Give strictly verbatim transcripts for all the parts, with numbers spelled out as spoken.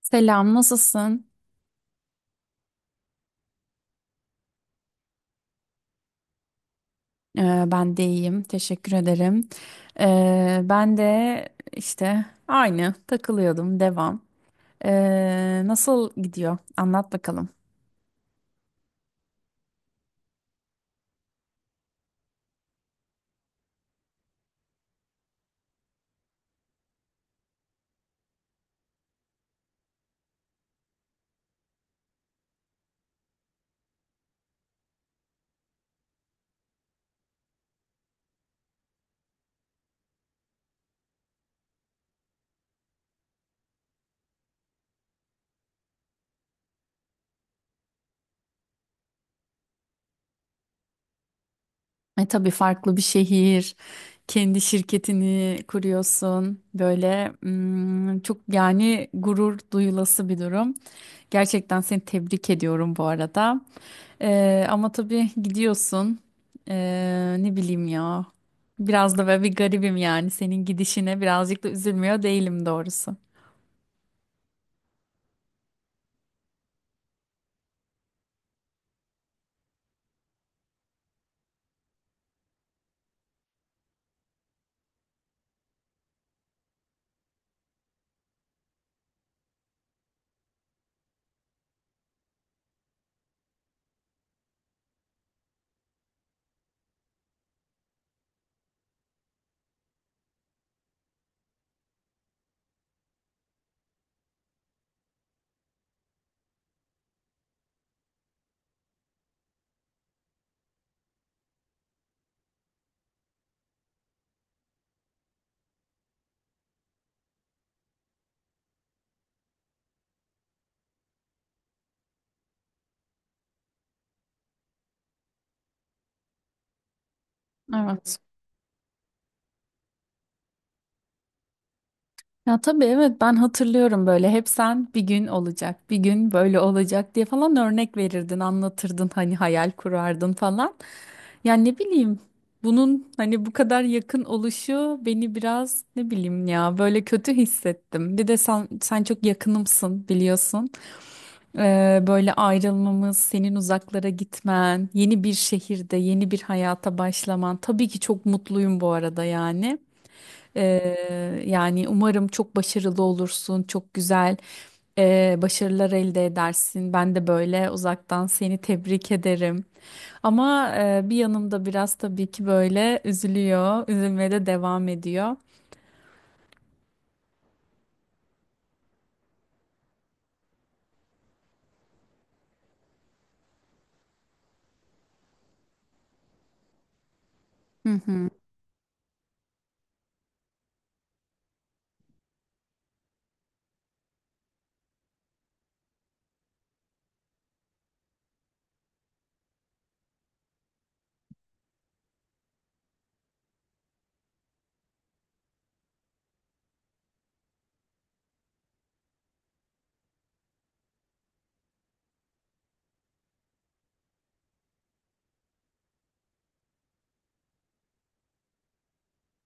Selam, nasılsın? Ee, ben de iyiyim, teşekkür ederim. Ee, ben de işte aynı takılıyordum, devam. Ee, nasıl gidiyor? Anlat bakalım. E tabii farklı bir şehir, kendi şirketini kuruyorsun. Böyle mm, çok yani gurur duyulası bir durum. Gerçekten seni tebrik ediyorum bu arada. E, ama tabii gidiyorsun. E, ne bileyim ya. Biraz da böyle bir garibim yani senin gidişine birazcık da üzülmüyor değilim doğrusu. Evet. Ya tabii evet ben hatırlıyorum böyle hep sen bir gün olacak, bir gün böyle olacak diye falan örnek verirdin, anlatırdın hani hayal kurardın falan. Yani ne bileyim bunun hani bu kadar yakın oluşu beni biraz ne bileyim ya böyle kötü hissettim. Bir de sen, sen çok yakınımsın biliyorsun. Ee, böyle ayrılmamız, senin uzaklara gitmen, yeni bir şehirde, yeni bir hayata başlaman. Tabii ki çok mutluyum bu arada yani. Ee, yani umarım çok başarılı olursun, çok güzel e, başarılar elde edersin. Ben de böyle uzaktan seni tebrik ederim. Ama e, bir yanımda biraz tabii ki böyle üzülüyor, üzülmeye de devam ediyor. Hı hı.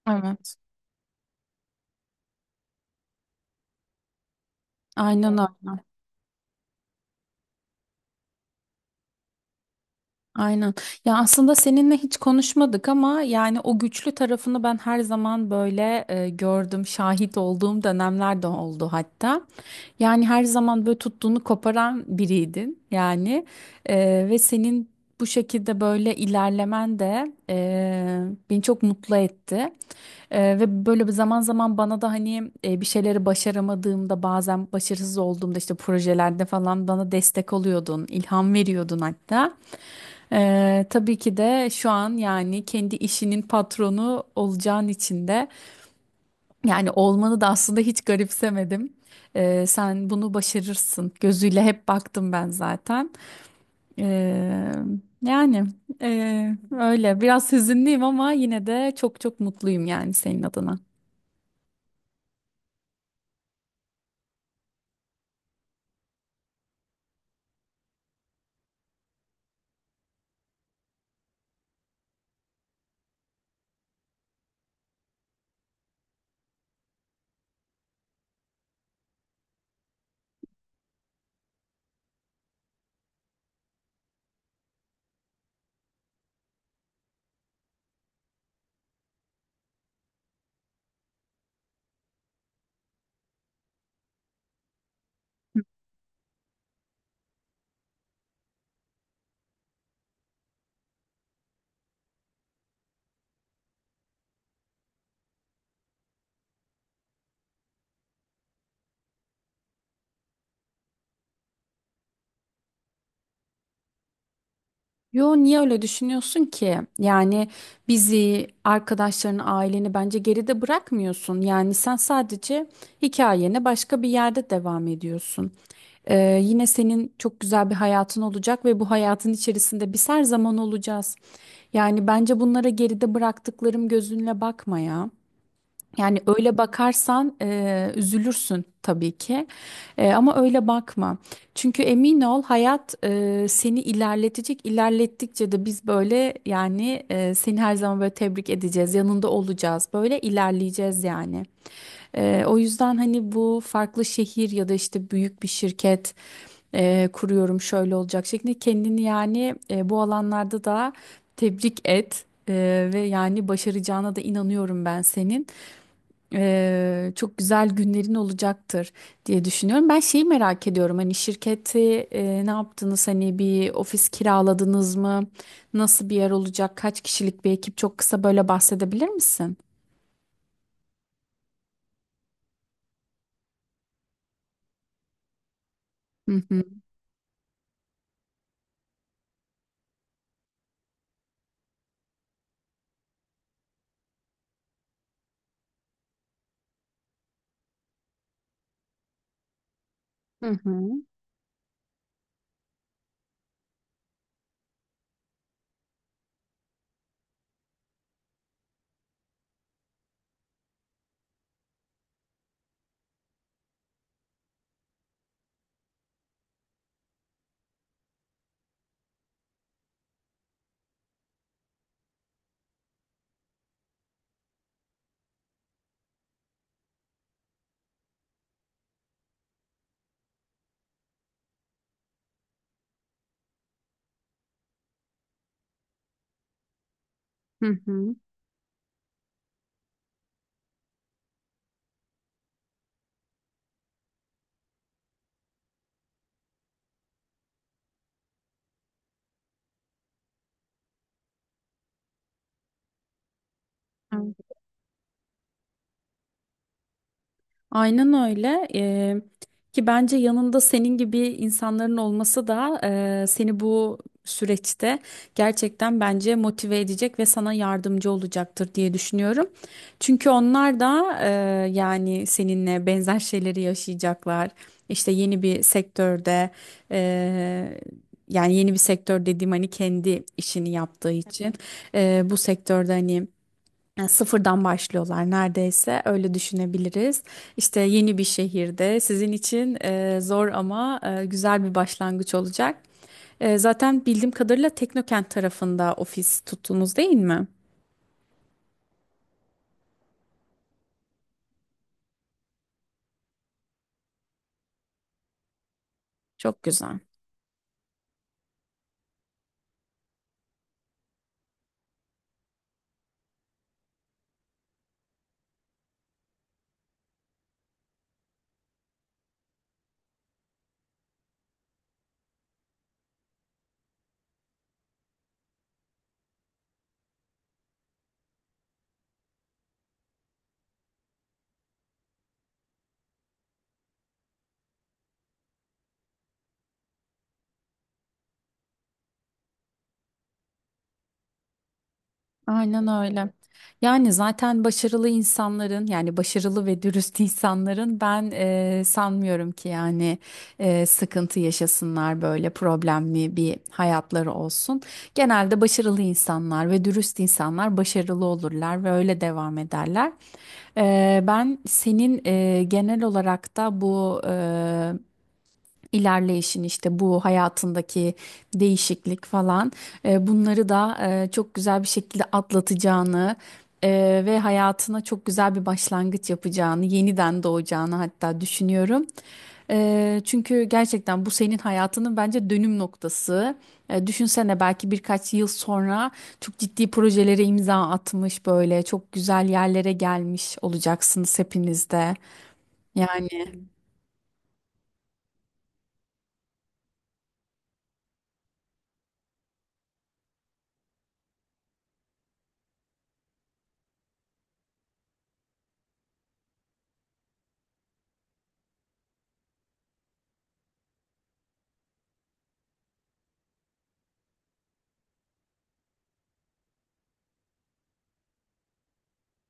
Evet. Aynen öyle. Aynen. Ya aslında seninle hiç konuşmadık ama yani o güçlü tarafını ben her zaman böyle e, gördüm, şahit olduğum dönemler de oldu hatta. Yani her zaman böyle tuttuğunu koparan biriydin yani. E, ve senin bu şekilde böyle ilerlemen de e, beni çok mutlu etti. E, ve böyle bir zaman zaman bana da hani e, bir şeyleri başaramadığımda bazen başarısız olduğumda işte projelerde falan bana destek oluyordun, ilham veriyordun hatta. Ee, tabii ki de şu an yani kendi işinin patronu olacağın için de yani olmanı da aslında hiç garipsemedim. Ee, sen bunu başarırsın gözüyle hep baktım ben zaten. Ee, yani ee, Öyle biraz hüzünlüyüm ama yine de çok çok mutluyum yani senin adına. Yo niye öyle düşünüyorsun ki? Yani bizi, arkadaşlarını, aileni bence geride bırakmıyorsun. Yani sen sadece hikayene başka bir yerde devam ediyorsun. Ee, yine senin çok güzel bir hayatın olacak ve bu hayatın içerisinde biz her zaman olacağız. Yani bence bunlara geride bıraktıklarım gözünle bakma ya. Yani öyle bakarsan eee, üzülürsün tabii ki. Eee, ama öyle bakma. Çünkü emin ol hayat eee, seni ilerletecek. İlerlettikçe de biz böyle yani eee, seni her zaman böyle tebrik edeceğiz, yanında olacağız. Böyle ilerleyeceğiz yani. Eee, o yüzden hani bu farklı şehir ya da işte büyük bir şirket eee, kuruyorum şöyle olacak şeklinde kendini yani eee, bu alanlarda da tebrik et. Eee, ve yani başaracağına da inanıyorum ben senin. Eee, çok güzel günlerin olacaktır diye düşünüyorum. Ben şeyi merak ediyorum hani şirketi eee, ne yaptınız hani bir ofis kiraladınız mı? Nasıl bir yer olacak? Kaç kişilik bir ekip? Çok kısa böyle bahsedebilir misin? Hı hı. Hı hı. Hı hı. Aynen öyle. Eee, ki bence yanında senin gibi insanların olması da eee, seni bu süreçte gerçekten bence motive edecek ve sana yardımcı olacaktır diye düşünüyorum. Çünkü onlar da eee, yani seninle benzer şeyleri yaşayacaklar. İşte yeni bir sektörde eee, yani yeni bir sektör dediğim hani kendi işini yaptığı için eee, bu sektörde hani. Yani sıfırdan başlıyorlar neredeyse öyle düşünebiliriz. İşte yeni bir şehirde sizin için e, zor ama e, güzel bir başlangıç olacak. E, zaten bildiğim kadarıyla Teknokent tarafında ofis tuttunuz değil mi? Çok güzel. Aynen öyle. Yani zaten başarılı insanların yani başarılı ve dürüst insanların ben eee, sanmıyorum ki yani eee, sıkıntı yaşasınlar böyle problemli bir hayatları olsun. Genelde başarılı insanlar ve dürüst insanlar başarılı olurlar ve öyle devam ederler. Eee, ben senin eee, genel olarak da bu ilerleyişin işte bu hayatındaki değişiklik falan e, bunları da e, çok güzel bir şekilde atlatacağını e, ve hayatına çok güzel bir başlangıç yapacağını, yeniden doğacağını hatta düşünüyorum. E, çünkü gerçekten bu senin hayatının bence dönüm noktası. E, düşünsene belki birkaç yıl sonra çok ciddi projelere imza atmış böyle çok güzel yerlere gelmiş olacaksınız hepiniz de. Yani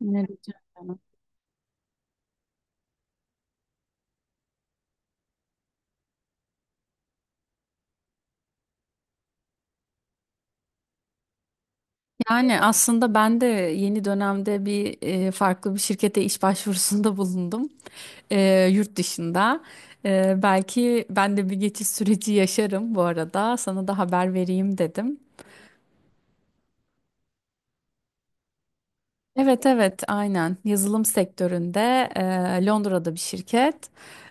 ne diyeceğim? Yani aslında ben de yeni dönemde bir e, farklı bir şirkete iş başvurusunda bulundum. E, yurt dışında. E, belki ben de bir geçiş süreci yaşarım bu arada. Sana da haber vereyim dedim. Evet evet aynen yazılım sektöründe e, Londra'da bir şirket.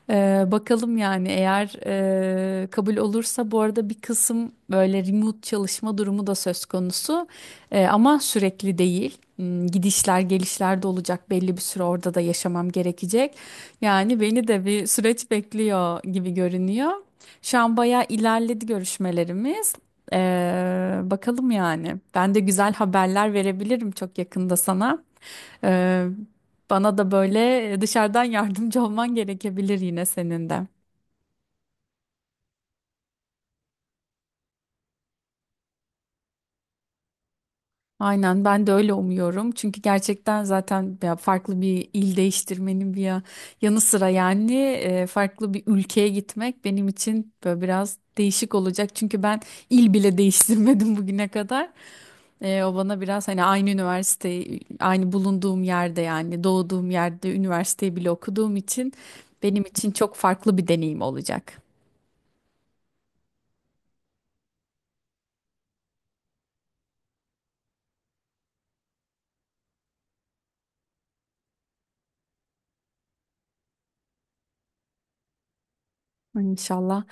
E, bakalım yani eğer e, kabul olursa bu arada bir kısım böyle remote çalışma durumu da söz konusu. E, ama sürekli değil. Hmm, Gidişler gelişler de olacak belli bir süre orada da yaşamam gerekecek. Yani beni de bir süreç bekliyor gibi görünüyor. Şu an bayağı ilerledi görüşmelerimiz. Ee, bakalım yani. Ben de güzel haberler verebilirim çok yakında sana. Ee, Bana da böyle dışarıdan yardımcı olman gerekebilir yine senin de. Aynen ben de öyle umuyorum. Çünkü gerçekten zaten ya farklı bir il değiştirmenin bir ya- yanı sıra yani e, farklı bir ülkeye gitmek benim için böyle biraz değişik olacak. Çünkü ben il bile değiştirmedim bugüne kadar. E, o bana biraz hani aynı üniversite, aynı bulunduğum yerde yani doğduğum yerde üniversiteyi bile okuduğum için benim için çok farklı bir deneyim olacak. İnşallah.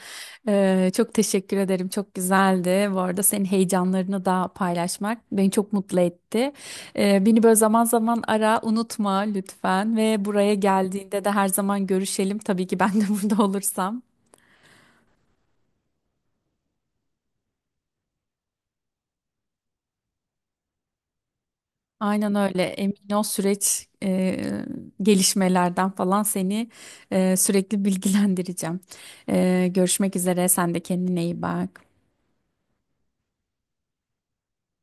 E, çok teşekkür ederim. Çok güzeldi. Bu arada senin heyecanlarını da paylaşmak beni çok mutlu etti. E, beni böyle zaman zaman ara, unutma lütfen ve buraya geldiğinde de her zaman görüşelim. Tabii ki ben de burada olursam. Aynen öyle. Emin ol süreç e, gelişmelerden falan seni e, sürekli bilgilendireceğim. E, görüşmek üzere. Sen de kendine iyi bak.